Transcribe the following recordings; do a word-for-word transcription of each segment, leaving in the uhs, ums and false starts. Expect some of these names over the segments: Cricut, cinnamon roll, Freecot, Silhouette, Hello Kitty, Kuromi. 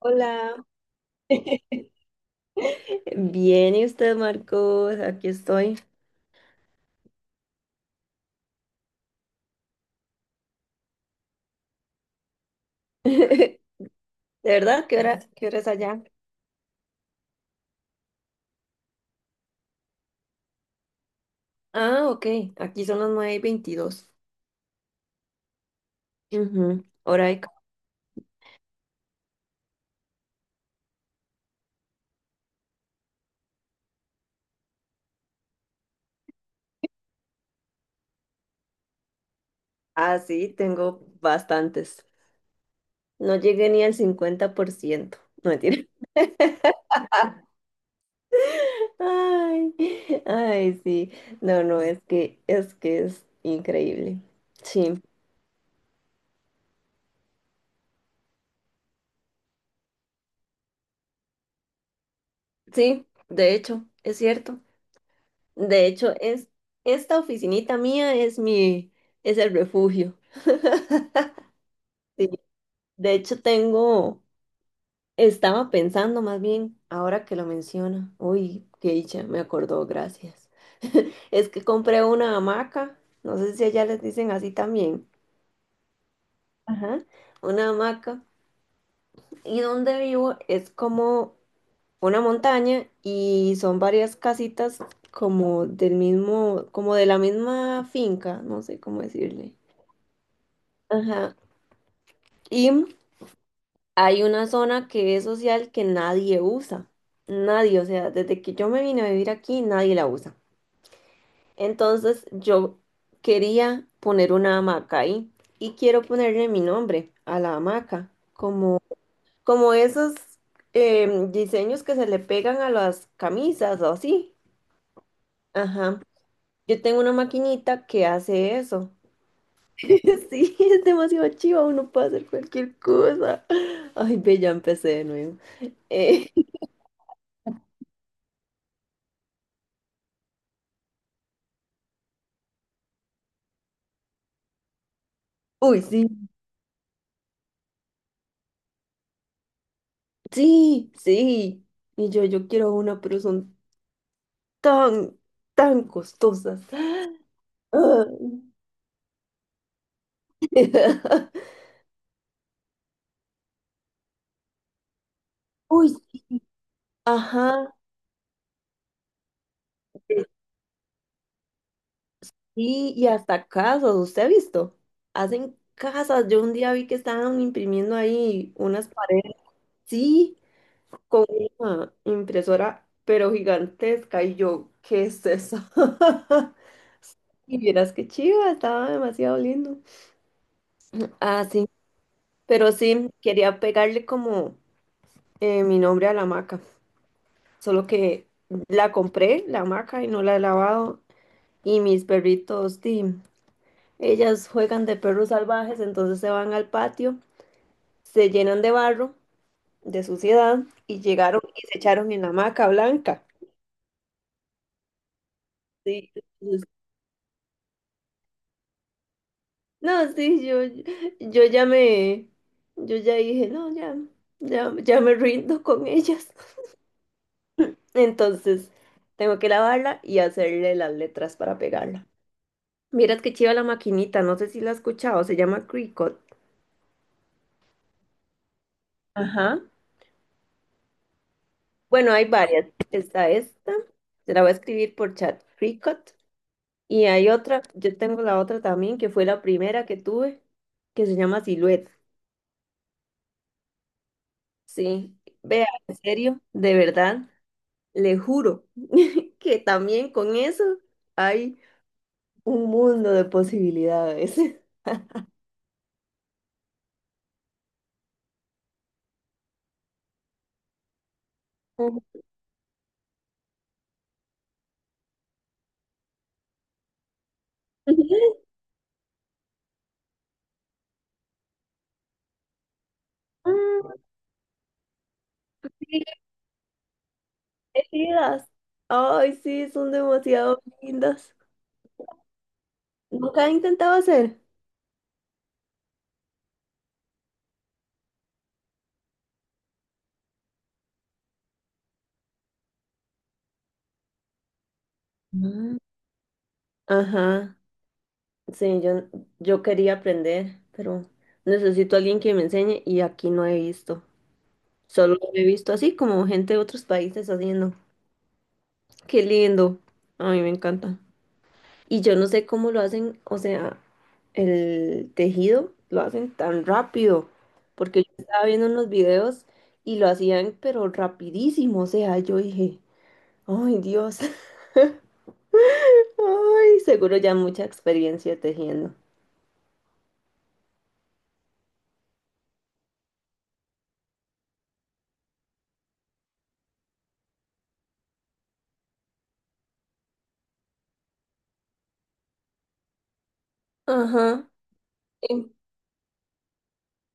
Hola. Bien, ¿y usted, Marcos? Aquí estoy. ¿De verdad? ¿Qué hora, qué hora es allá? Ah, ok. Aquí son las nueve y veintidós. Ujú. Hora de... ca- Ah, sí, tengo bastantes. No llegué ni al cincuenta por ciento. No, mentira. Ay, ay, sí. No, no, es que es que es increíble. Sí, sí, de hecho, es cierto. De hecho, es esta oficinita mía es mi, es el refugio. Sí. De hecho, tengo, estaba pensando más bien, ahora que lo menciona, uy, qué dicha, me acordó, gracias. Es que compré una hamaca, no sé si allá les dicen así también. Ajá, una hamaca, y donde vivo es como una montaña y son varias casitas como del mismo, como de la misma finca, no sé cómo decirle. Ajá, y hay una zona que es social que nadie usa. Nadie, o sea, desde que yo me vine a vivir aquí, nadie la usa. Entonces yo quería poner una hamaca ahí y quiero ponerle mi nombre a la hamaca, como, como esos em, diseños que se le pegan a las camisas o así. Ajá. Yo tengo una maquinita que hace eso. Sí, es demasiado chiva, uno puede hacer cualquier cosa. Ay, ve, ya empecé de nuevo. Eh, uy, sí. Sí, sí. Y yo, yo quiero una, pero son tan, tan costosas. Ah. Uy, ajá, sí, y hasta casas, ¿usted ha visto? Hacen casas, yo un día vi que estaban imprimiendo ahí unas paredes, sí, con una impresora, pero gigantesca, y yo, ¿qué es eso? Y vieras qué chiva, estaba demasiado lindo. Ah, sí, pero sí, quería pegarle como eh, mi nombre a la maca. Solo que la compré, la hamaca, y no la he lavado. Y mis perritos, di, ellas juegan de perros salvajes, entonces se van al patio, se llenan de barro, de suciedad, y llegaron y se echaron en la hamaca blanca. Sí, entonces, no, sí, yo, yo ya me, yo ya dije, no, ya, ya, ya me rindo con ellas. Entonces, tengo que lavarla y hacerle las letras para pegarla. Miras que chiva la maquinita, no sé si la has escuchado, se llama Cricut. Ajá. Bueno, hay varias. Está esta, se la voy a escribir por chat Freecot. Y hay otra, yo tengo la otra también, que fue la primera que tuve, que se llama Silhouette. Sí, vea, en serio, de verdad, le juro que también con eso hay un mundo de posibilidades. Ujú. Mm, sí, elegidas. Ay, sí, son demasiado lindas. ¿Nunca he intentado hacer? Mm. Ajá. Sí, yo, yo quería aprender, pero necesito a alguien que me enseñe y aquí no he visto. Solo he visto así como gente de otros países haciendo. Qué lindo. A mí me encanta. Y yo no sé cómo lo hacen, o sea, el tejido lo hacen tan rápido, porque yo estaba viendo unos videos y lo hacían pero rapidísimo, o sea, yo dije, ay Dios, ay, seguro ya mucha experiencia tejiendo. Ajá. em,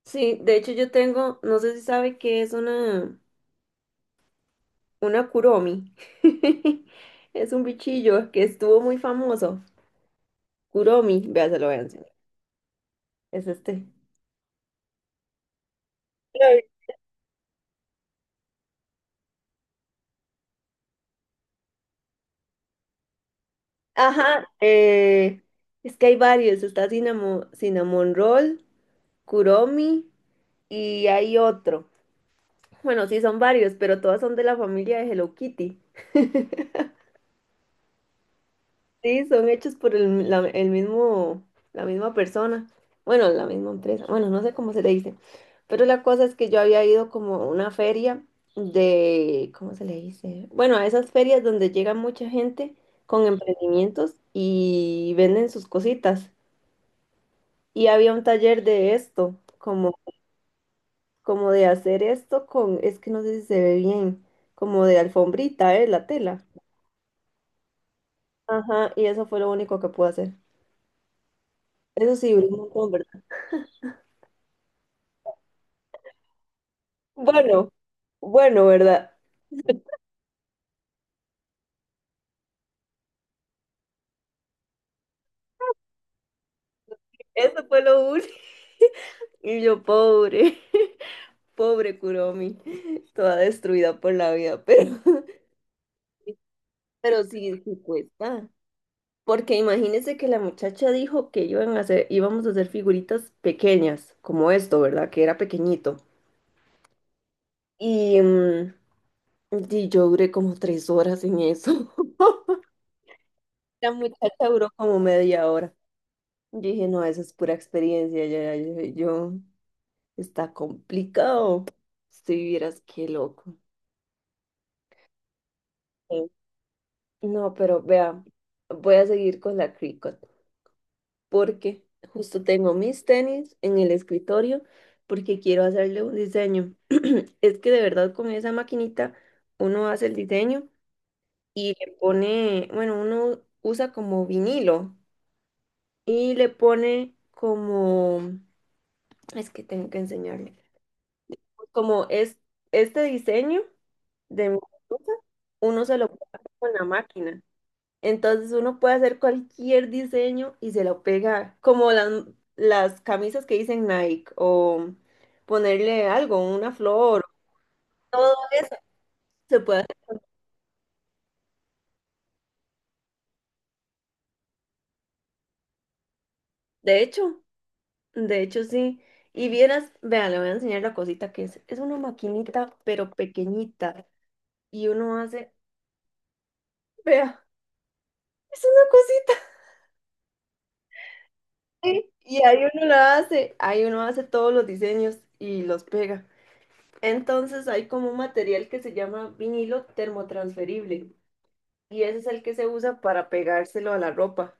Sí, de hecho yo tengo, no sé si sabe que es una, una Kuromi. Es un bichillo que estuvo muy famoso. Kuromi, vea, se lo voy a enseñar. Es este. Ay. Ajá, eh, es que hay varios. Está cinnamon, cinnamon roll, Kuromi y hay otro. Bueno, sí, son varios, pero todas son de la familia de Hello Kitty. Sí, son hechos por el, la, el mismo, la misma persona. Bueno, la misma empresa. Bueno, no sé cómo se le dice. Pero la cosa es que yo había ido como a una feria de, ¿cómo se le dice? Bueno, a esas ferias donde llega mucha gente con emprendimientos y venden sus cositas. Y había un taller de esto, como, como de hacer esto con, es que no sé si se ve bien, como de alfombrita, ¿eh? La tela. Ajá, y eso fue lo único que pude hacer. Eso sí, duró un montón, ¿verdad? Bueno, bueno, ¿verdad? Eso fue lo único. Y yo, pobre, pobre Kuromi, toda destruida por la vida, pero, pero sí, sí cuesta. Porque imagínense que la muchacha dijo que iban a hacer, íbamos a hacer figuritas pequeñas, como esto, ¿verdad? Que era pequeñito. Y, mm, y yo duré como tres horas en eso. La muchacha duró como media hora. Yo dije, no, eso es pura experiencia, ya, ya, ya, yo. Está complicado. Si vieras qué loco. Sí. No, pero vea, voy a seguir con la Cricut porque justo tengo mis tenis en el escritorio porque quiero hacerle un diseño. Es que de verdad con esa maquinita uno hace el diseño y le pone, bueno, uno usa como vinilo y le pone como, es que tengo que enseñarle, como es este diseño de mi blusa, uno se lo pega con la máquina. Entonces uno puede hacer cualquier diseño y se lo pega, como las, las camisas que dicen Nike, o ponerle algo, una flor, todo eso se puede hacer. De hecho, de hecho sí. Y vieras, vea, le voy a enseñar la cosita que es. Es una maquinita, pero pequeñita. Y uno hace, vea, es una cosita. Sí, y ahí uno la hace, ahí uno hace todos los diseños y los pega. Entonces hay como un material que se llama vinilo termotransferible y ese es el que se usa para pegárselo a la ropa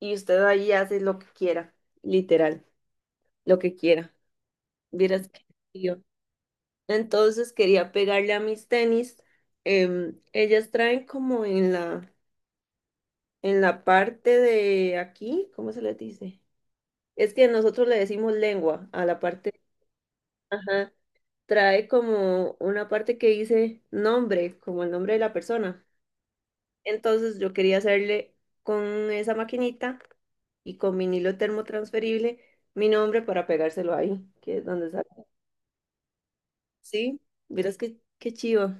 y usted ahí hace lo que quiera, literal, lo que quiera. Vieras que yo, entonces quería pegarle a mis tenis. Em, ellas traen como en la en la parte de aquí, ¿cómo se le dice? Es que nosotros le decimos lengua a la parte, ajá, trae como una parte que dice nombre, como el nombre de la persona. Entonces yo quería hacerle con esa maquinita y con vinilo termotransferible mi nombre para pegárselo ahí, que es donde sale. Sí, verás qué qué chivo,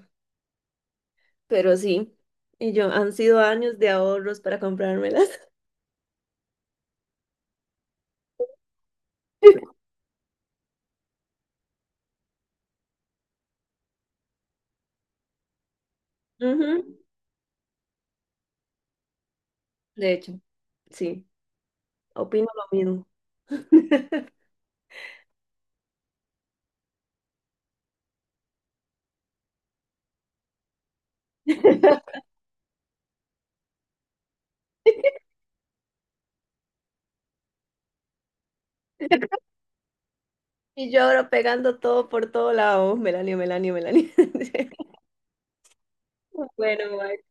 pero sí. Y yo, han sido años de ahorros para comprármelas. Ujú, de hecho, sí, opino lo mismo. Y yo ahora pegando todo por todo lado. Melanie, Melanie, Melanie. Bueno, Mike,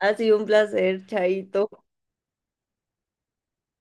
ha sido un placer, Chaito.